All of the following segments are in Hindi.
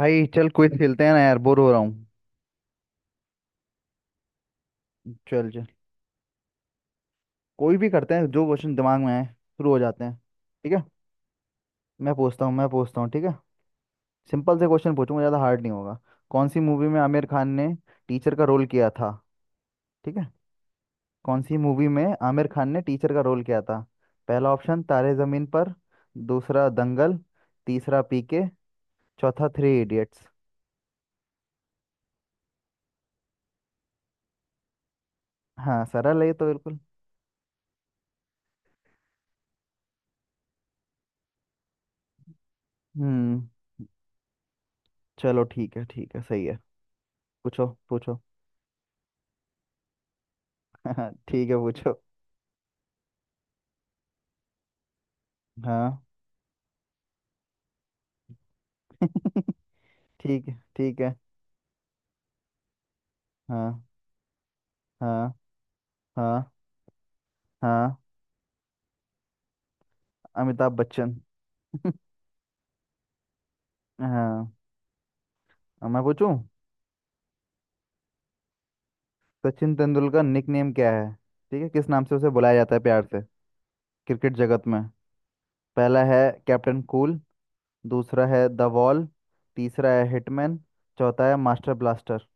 भाई चल क्विज खेलते हैं ना यार, बोर हो रहा हूँ। चल चल कोई भी करते हैं, जो क्वेश्चन दिमाग में आए शुरू हो जाते हैं। ठीक है। मैं पूछता हूँ, ठीक है। सिंपल से क्वेश्चन पूछूंगा, ज़्यादा हार्ड नहीं होगा। कौन सी मूवी में आमिर खान ने टीचर का रोल किया था? ठीक है। कौन सी मूवी में आमिर खान ने टीचर का रोल किया था? पहला ऑप्शन तारे ज़मीन पर। दूसरा दंगल। तीसरा पीके। चौथा थ्री इडियट्स। हाँ, सरल है ये तो बिल्कुल। हम्म। चलो ठीक है, ठीक है, सही है। पूछो पूछो। ठीक है, पूछो। हाँ। ठीक है। ठीक है। हाँ। हाँ। हाँ। हाँ। अमिताभ बच्चन। हाँ, अब मैं पूछूं। सचिन तेंदुलकर निक नेम क्या है? ठीक है, किस नाम से उसे बुलाया जाता है प्यार से क्रिकेट जगत में? पहला है कैप्टन कूल। दूसरा है द वॉल। तीसरा है हिटमैन। चौथा है मास्टर ब्लास्टर।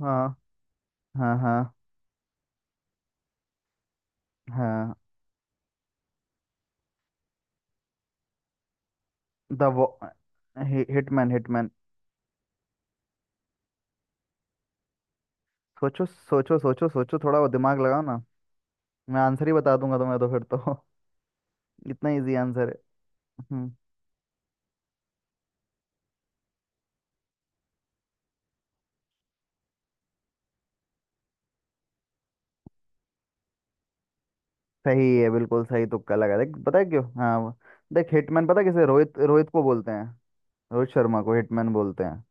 हाँ। हाँ। हाँ। हाँ। द वो। हि, हिटमैन हिटमैन। सोचो सोचो सोचो सोचो थोड़ा वो दिमाग लगाओ ना। मैं आंसर ही बता दूंगा तुम्हें, तो फिर तो इतना इजी आंसर है। हम्म। सही है, बिल्कुल सही तुक्का लगा। देख पता है क्यों? हाँ वो-, देख हिटमैन पता है किसे? रोहित रोहित को बोलते हैं, रोहित शर्मा को हिटमैन बोलते हैं।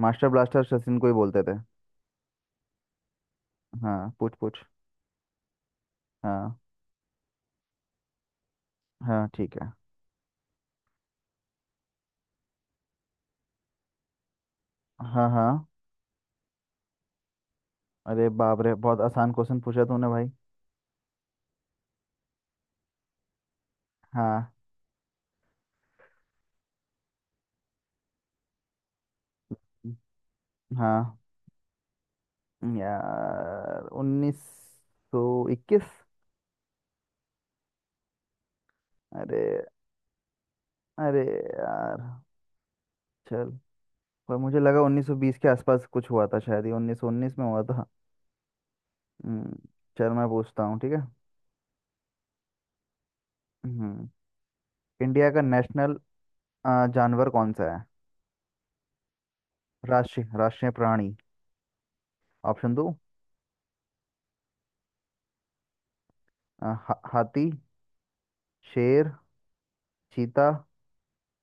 मास्टर ब्लास्टर सचिन को ही बोलते थे। हाँ, पूछ पूछ। हाँ, हाँ ठीक है। हाँ। हाँ। अरे बाप रे, बहुत आसान क्वेश्चन पूछा तूने भाई। हाँ। हाँ। यार 1921। अरे। अरे यार। चल। पर मुझे लगा 1920 के आसपास कुछ हुआ था, शायद ही 1919 में हुआ था। हम्म, चल मैं पूछता हूँ, ठीक है। हम्म। इंडिया का नेशनल जानवर कौन सा है? राष्ट्रीय राष्ट्रीय प्राणी, ऑप्शन दो। हाथी। शेर। चीता।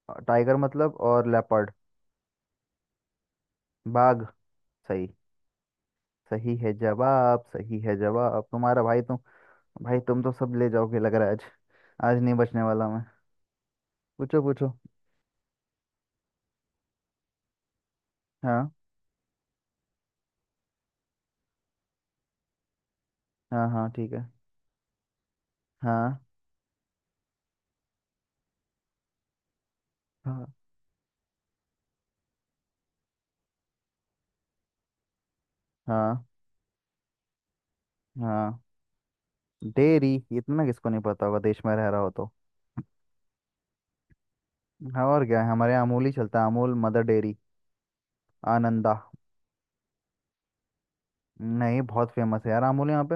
टाइगर मतलब, और लेपर्ड। बाघ। सही। सही है जवाब, सही है जवाब तुम्हारा। भाई तुम, भाई तुम तो सब ले जाओगे लग रहा है आज। आज नहीं बचने वाला मैं। पूछो पूछो। हाँ। हाँ। हाँ। ठीक है। हाँ। हाँ। हाँ। हाँ। डेयरी, इतना किसको नहीं पता होगा देश में रह रहा हो तो। हाँ और क्या है, हमारे यहाँ अमूल ही चलता है। Amul, Mother Dairy, Ananda. नहीं बहुत फेमस है यार अमूल यहाँ पे।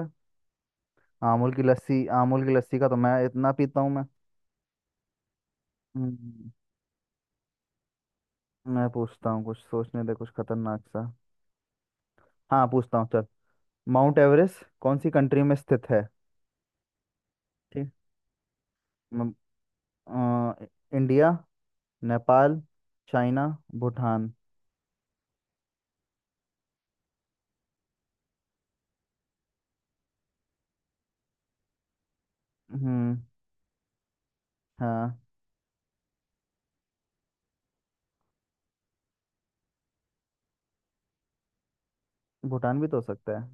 अमूल की लस्सी का तो मैं इतना पीता हूँ मैं। हम्म, मैं पूछता हूँ, कुछ सोचने दे कुछ खतरनाक सा। हाँ पूछता हूँ, चल। माउंट एवरेस्ट कौन सी कंट्री में स्थित है? ठीक। म- अ, इंडिया, नेपाल, चाइना, भूटान। हम्म। हाँ, भूटान भी तो हो सकता है।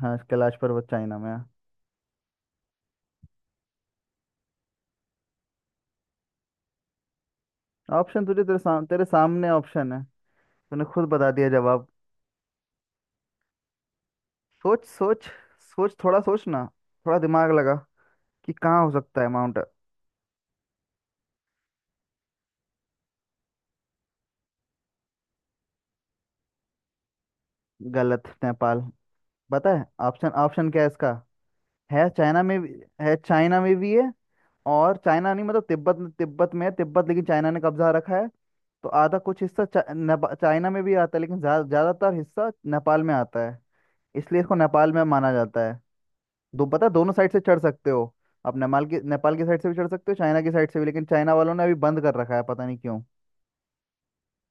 हाँ, कैलाश पर्वत चाइना में है। ऑप्शन तुझे, तेरे सामने ऑप्शन है। तूने खुद बता दिया जवाब। सोच सोच सोच, थोड़ा सोच ना, थोड़ा दिमाग लगा कि कहाँ हो सकता है माउंट। गलत, नेपाल। पता है ऑप्शन, क्या है इसका? है चाइना में भी, है चाइना में भी है। और चाइना नहीं, मतलब तिब्बत में है, तिब्बत लेकिन चाइना ने कब्जा रखा है। तो आधा कुछ हिस्सा चाइना में भी आता है, लेकिन ज्यादातर हिस्सा नेपाल में आता है, इसलिए इसको नेपाल में माना जाता है। दो पता है, दोनों साइड से चढ़ सकते हो। आप नेपाल की साइड से भी चढ़ सकते हो, चाइना की साइड से भी, लेकिन चाइना वालों ने अभी बंद कर रखा है, पता नहीं क्यों।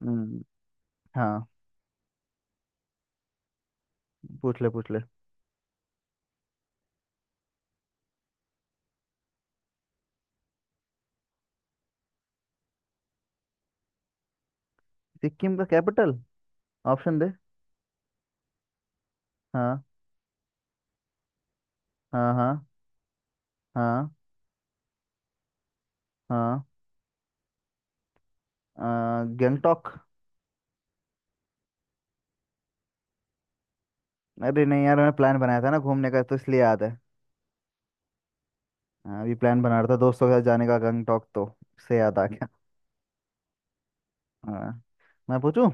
हम्म। हाँ, पूछ ले। सिक्किम का कैपिटल, ऑप्शन दे। हाँ हाँ। हाँ। हाँ। हाँ। अ, गंगटोक। अरे नहीं यार, मैंने प्लान बनाया था ना घूमने का, तो इसलिए याद है। हाँ, अभी प्लान बना रहा था दोस्तों के साथ जाने का गंगटोक, तो उससे याद आ गया। हाँ, मैं पूछूं।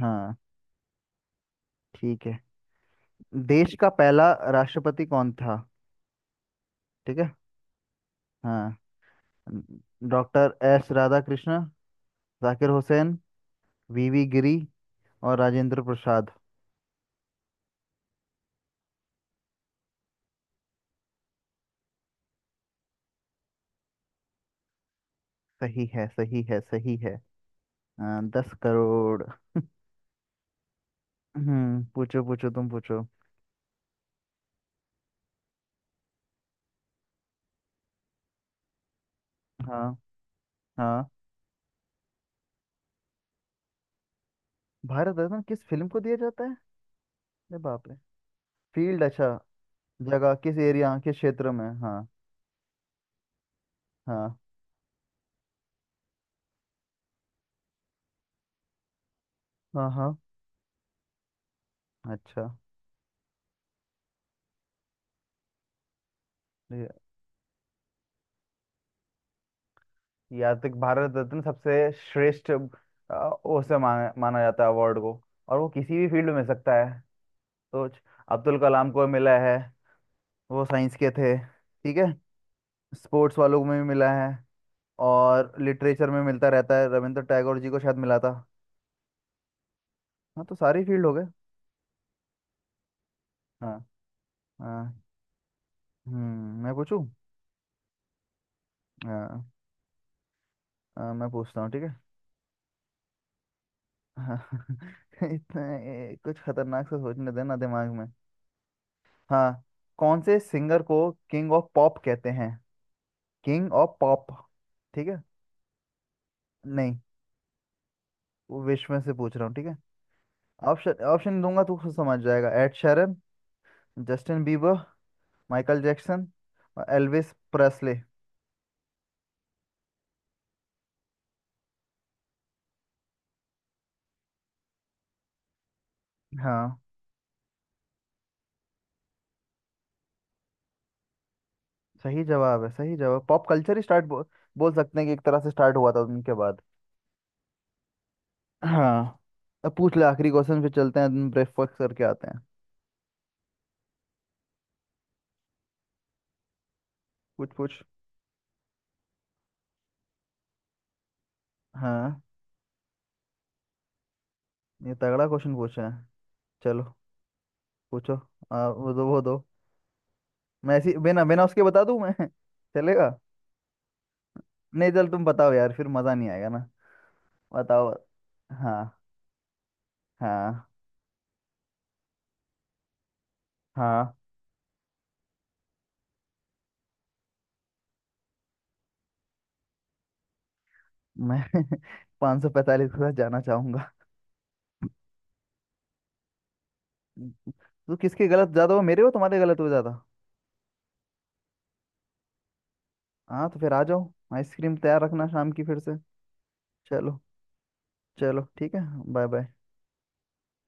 हाँ ठीक है। देश का पहला राष्ट्रपति कौन था? ठीक है। हाँ। Doctor S Radha Krishna, Zakir Hussain, V गिरी, और राजेंद्र प्रसाद। सही है, सही है। हाँ, दस करोड़ हम्म, पूछो पूछो, तुम पूछो। हाँ। हाँ। भारत रत्न किस फिल्म को दिया जाता है? अरे बाप रे। फील्ड, अच्छा। जगह, किस एरिया, किस क्षेत्र में, हाँ। हाँ। हाँ। हाँ। अच्छा ये-, या तो भारत रत्न सबसे श्रेष्ठ, उसे माना माना जाता है अवार्ड को, और वो किसी भी फील्ड में मिल सकता है। सोच। अब्दुल कलाम को मिला है, वो साइंस के थे ठीक है। स्पोर्ट्स वालों में भी मिला है, और लिटरेचर में मिलता रहता है, रविंद्र टैगोर जी को शायद मिला था। हाँ, तो सारी फील्ड हो गए। हाँ। हाँ। हम्म, मैं पूछूं। हाँ, मैं पूछता हूँ, ठीक है। इतना कुछ खतरनाक सा सोचने देना दिमाग में। हाँ। कौन से सिंगर को किंग ऑफ पॉप कहते हैं? किंग ऑफ पॉप, ठीक है। नहीं, वो विश्व में से पूछ रहा हूँ, ठीक है। ऑप्शन ऑप्शन दूंगा तो खुद समझ जाएगा। Ed Sheeran, Justin Bieber, Michael Jackson, और एल्विस प्रेस्ले। हाँ, सही जवाब है, सही जवाब। पॉप कल्चर ही स्टार्ट बो, बोल सकते हैं कि एक तरह से स्टार्ट हुआ था उनके बाद। हाँ, अब पूछ ले आखिरी क्वेश्चन, फिर चलते हैं, ब्रेकफास्ट करके आते हैं। कुछ पूछ। हाँ, ये तगड़ा क्वेश्चन पूछा है। चलो, पूछो। वो दो मैं ऐसी बिना बिना उसके बता दूं मैं चलेगा? नहीं चल तुम बताओ यार, फिर मजा नहीं आएगा ना, बताओ। हाँ। हाँ। हाँ। मैं 545 के साथ जाना चाहूंगा। तू किसके गलत ज्यादा हो, मेरे हो तुम्हारे गलत हो ज्यादा? हाँ, तो फिर आ जाओ, आइसक्रीम तैयार रखना शाम की फिर से। चलो, चलो ठीक है, बाय बाय।